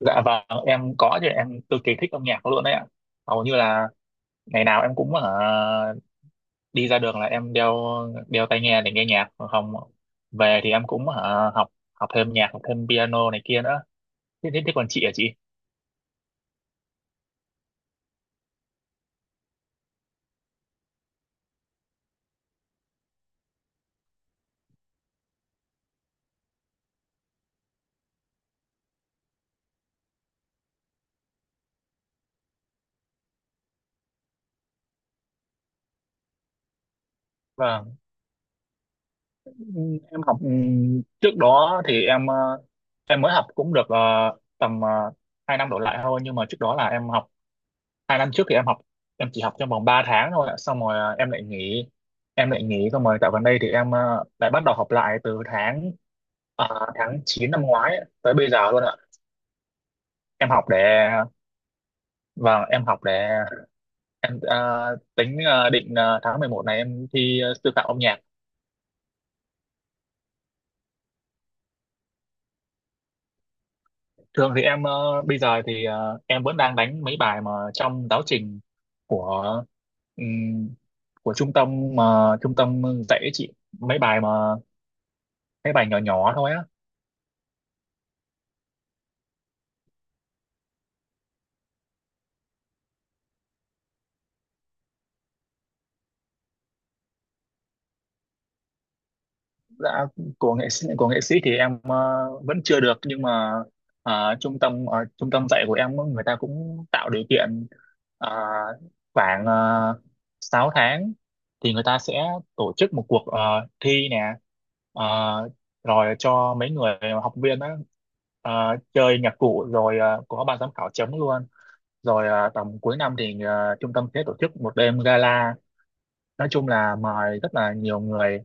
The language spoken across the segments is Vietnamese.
Dạ vâng, em có chứ em cực kỳ thích âm nhạc luôn đấy ạ. Hầu như là ngày nào em cũng đi ra đường là em đeo đeo tai nghe để nghe nhạc, còn không về thì em cũng học học thêm nhạc, học thêm piano này kia nữa. Thế thế, thế còn chị à chị? Vâng. Em học trước đó thì em mới học cũng được tầm uh, 2 năm đổ lại thôi, nhưng mà trước đó là em học 2 năm trước thì em học em chỉ học trong vòng 3 tháng thôi ạ. Xong rồi à, em lại nghỉ. Xong rồi dạo gần đây thì em à, lại bắt đầu học lại từ à, tháng 9 năm ngoái ấy, tới bây giờ luôn ạ. Em học để và em học để em à, tính à, định à, tháng 11 này em thi sư phạm âm nhạc. Thường thì bây giờ thì em vẫn đang đánh mấy bài mà trong giáo trình của ừm, của trung tâm mà trung tâm dạy ấy chị, mấy bài mà mấy bài nhỏ nhỏ thôi á. Dạ, của nghệ sĩ, của nghệ sĩ thì em vẫn chưa được, nhưng mà trung tâm dạy của em người ta cũng tạo điều kiện. ờ, khoảng uh, 6 tháng thì người ta sẽ tổ chức một cuộc thi nè. Ờ, rồi cho mấy người học viên á, ờ, chơi nhạc cụ, rồi có ban giám khảo chấm luôn. Rồi tầm cuối năm thì trung tâm sẽ tổ chức một đêm gala, nói chung là mời rất là nhiều người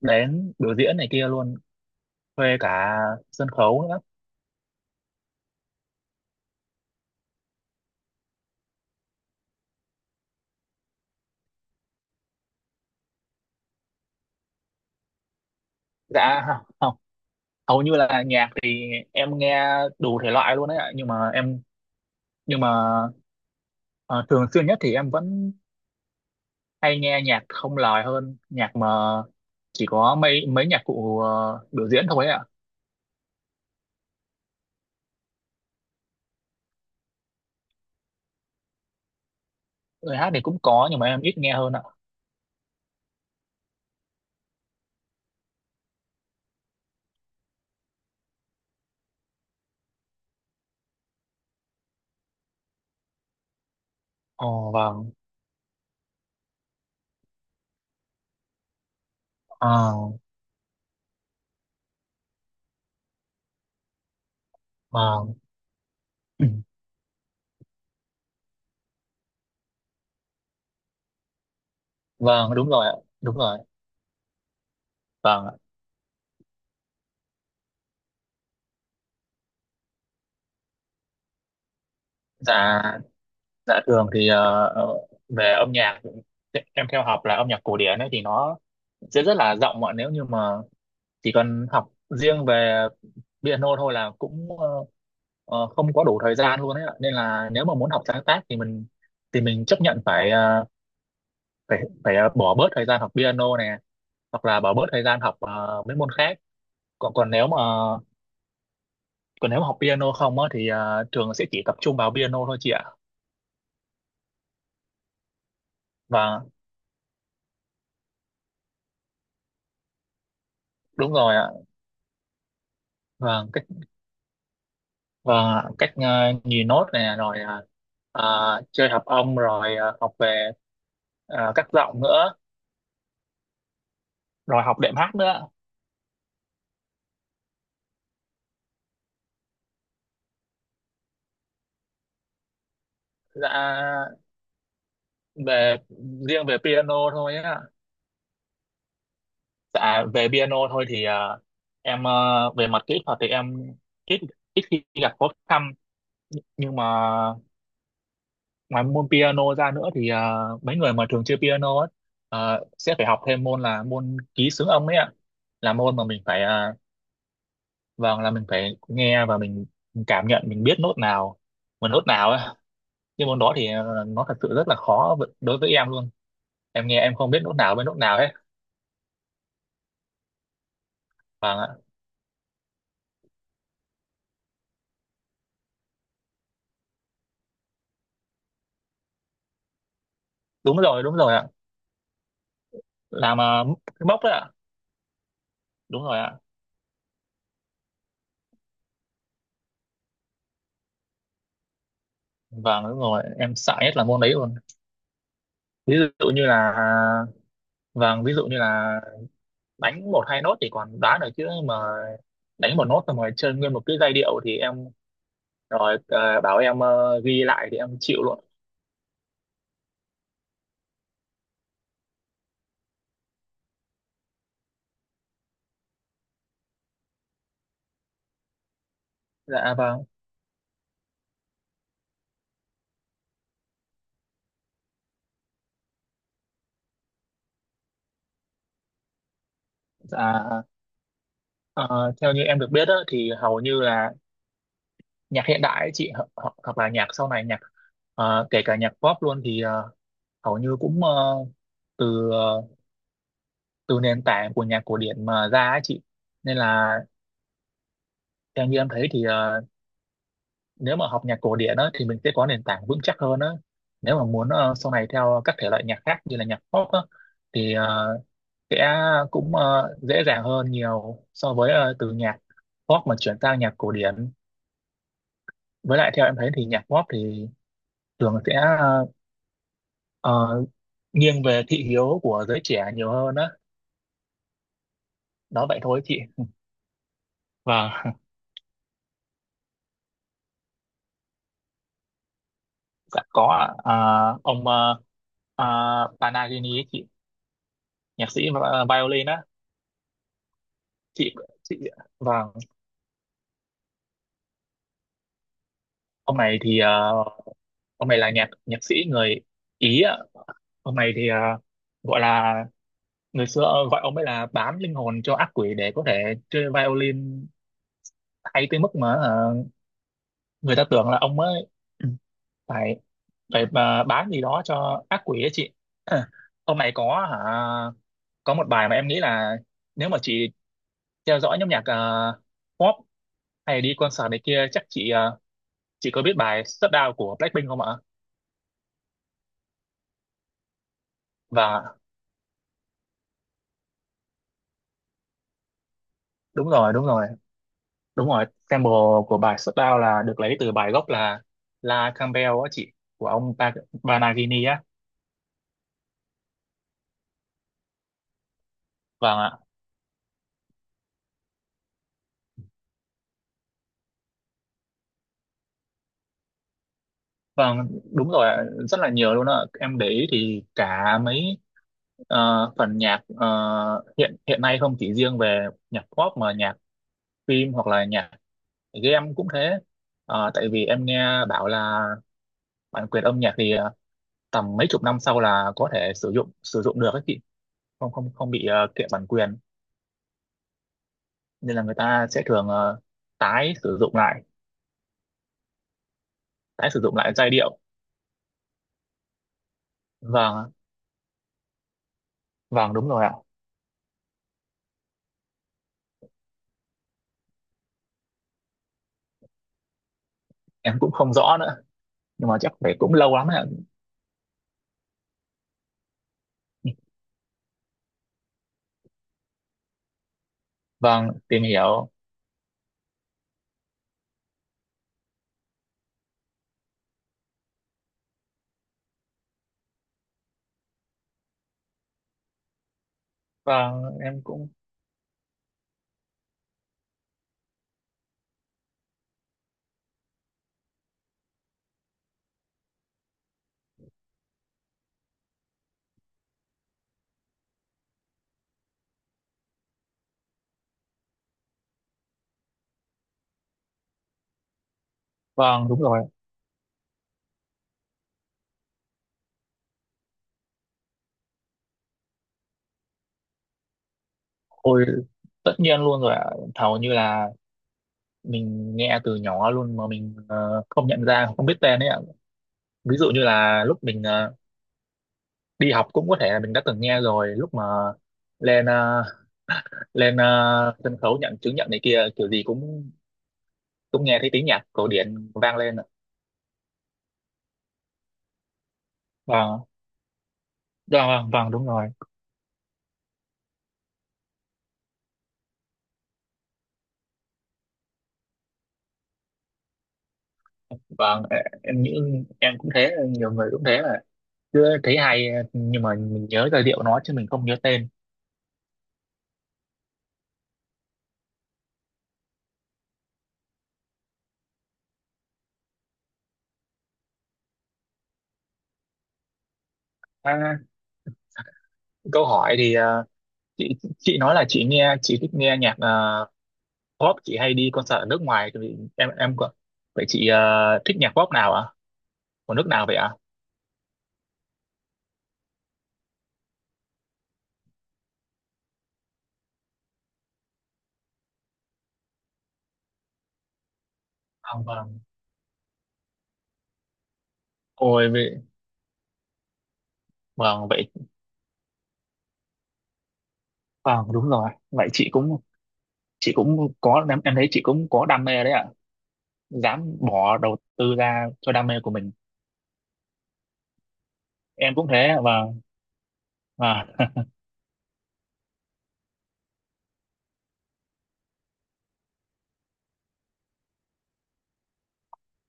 đến biểu diễn này kia luôn, thuê cả sân khấu nữa. Dạ, không, không, hầu như là nhạc thì em nghe đủ thể loại luôn đấy ạ, nhưng mà em nhưng mà ờ, thường xuyên nhất thì em vẫn hay nghe nhạc không lời hơn nhạc mà chỉ có mấy mấy nhạc cụ biểu diễn thôi ấy ạ. Lời hát thì cũng có nhưng mà em ít nghe hơn ạ. Ồ vâng. ờ, vâng. Vâng, đúng rồi ạ. Đúng rồi. Vâng ạ. Dạ. Dạ thường thì về âm nhạc em theo học là âm nhạc cổ điển ấy, thì nó sẽ rất là rộng ạ. Nếu như mà chỉ cần học riêng về piano thôi là cũng không có đủ thời gian luôn ấy ạ. Nên là nếu mà muốn học sáng tác thì mình chấp nhận phải ờ, phải phải ờ, bỏ bớt thời gian học piano nè, hoặc là bỏ bớt thời gian học mấy môn khác. Còn còn nếu mà còn nếu mà học piano không á thì trường sẽ chỉ tập trung vào piano thôi chị ạ. Và đúng rồi ạ. Và cách và cách ờ, nhìn nốt nè, rồi ờ, chơi hợp âm, rồi học về các giọng nữa, rồi học đệm hát nữa. Dạ về riêng về piano thôi á. Dạ về piano thôi thì em ờ, về mặt kỹ thuật thì em ít ít khi gặp khó khăn. Nhưng mà ngoài môn piano ra nữa thì mấy người mà thường chơi piano ấy, sẽ phải học thêm môn là môn ký xướng âm ấy ạ. Là môn mà mình phải vâng, là mình phải nghe và mình cảm nhận, mình biết nốt nào và nốt nào ấy. Nhưng môn đó thì nó thật sự rất là khó đối với em luôn. Em nghe em không biết nốt nào với nốt nào hết. Vâng ạ. Đúng rồi, đúng rồi ạ. Làm à, cái móc đấy ạ. Đúng rồi ạ. Vâng đúng rồi, em sợ nhất là môn đấy luôn. Ví dụ như là, vâng, ví dụ như là đánh một hai nốt thì còn đoán được, chứ mà đánh một nốt xong rồi chơi nguyên một cái giai điệu thì em, rồi bảo em ghi lại thì em chịu luôn. Dạ vâng. Dạ ờ, theo như em được biết á, thì hầu như là nhạc hiện đại ấy chị hoặc là nhạc sau này, nhạc kể cả nhạc pop luôn thì hầu như cũng từ ờ, từ nền tảng của nhạc cổ điển mà ra ấy chị. Nên là theo như em thấy thì nếu mà học nhạc cổ điển á, thì mình sẽ có nền tảng vững chắc hơn á. Nếu mà muốn sau này theo các thể loại nhạc khác như là nhạc pop á, thì sẽ cũng dễ dàng hơn nhiều so với từ nhạc pop mà chuyển sang nhạc cổ điển. Với lại theo em thấy thì nhạc pop thì thường sẽ ờ, nghiêng về thị hiếu của giới trẻ nhiều hơn á. Đó vậy thôi chị. Vâng. Dạ có ạ. Ông Panagini ấy chị, nhạc sĩ violin á chị. Chị, vâng. Ông này thì ông này là nhạc nhạc sĩ người Ý ạ. Ông này thì gọi là, người xưa gọi ông ấy là bán linh hồn cho ác quỷ để có thể chơi violin, hay tới mức mà người ta tưởng là ông ấy phải phải ờ, bán gì đó cho ác quỷ ấy chị. Ông này có hả, có một bài mà em nghĩ là, nếu mà chị theo dõi nhóm nhạc pop hay đi concert này kia, chắc chị chị có biết bài Shutdown của Blackpink không ạ? Và đúng rồi, đúng rồi, đúng rồi, sample của bài Shutdown là được lấy từ bài gốc là La Campbell á chị, của Vanagini á. Vâng ạ. Vâng, đúng rồi, ạ, rất là nhiều luôn ạ. Em để ý thì cả mấy phần nhạc hiện hiện nay, không chỉ riêng về nhạc pop mà nhạc phim hoặc là nhạc game cũng thế. Ờ, tại vì em nghe bảo là bản quyền âm nhạc thì tầm mấy chục năm sau là có thể sử dụng được ấy chị, không không không bị kiện bản quyền. Nên là người ta sẽ thường tái sử dụng lại, tái sử dụng lại giai điệu. Vâng, vâng đúng rồi ạ. Em cũng không rõ nữa, nhưng mà chắc phải cũng lâu lắm ạ. Vâng, tìm hiểu. Vâng em cũng. Vâng đúng rồi. Ôi, tất nhiên luôn rồi ạ. Thầu như là mình nghe từ nhỏ luôn mà mình không nhận ra, không biết tên ấy ạ. Ví dụ như là lúc mình đi học cũng có thể là mình đã từng nghe rồi, lúc mà lên ờ, lên sân khấu nhận chứng nhận này kia kiểu gì cũng cũng nghe thấy tiếng nhạc cổ điển vang lên ạ. Vâng, vâng, vâng. Vâng, đúng rồi. Vâng ê, em nghĩ em cũng thế, nhiều người cũng thế mà cứ thấy hay nhưng mà mình nhớ giai điệu nó chứ mình không nhớ tên. À, câu hỏi thì chị nói là chị nghe chị thích nghe nhạc pop, chị hay đi concert ở nước ngoài, thì em có-, vậy chị thích nhạc pop nào ạ, của nước nào vậy ạ? Vâng, vâng. Ôi. Vâng, vậy, vâng đúng rồi. Vậy chị cũng có em thấy chị cũng có đam mê đấy ạ. Dám bỏ đầu tư ra cho đam mê của mình. Em cũng thế ạ, vâng. Và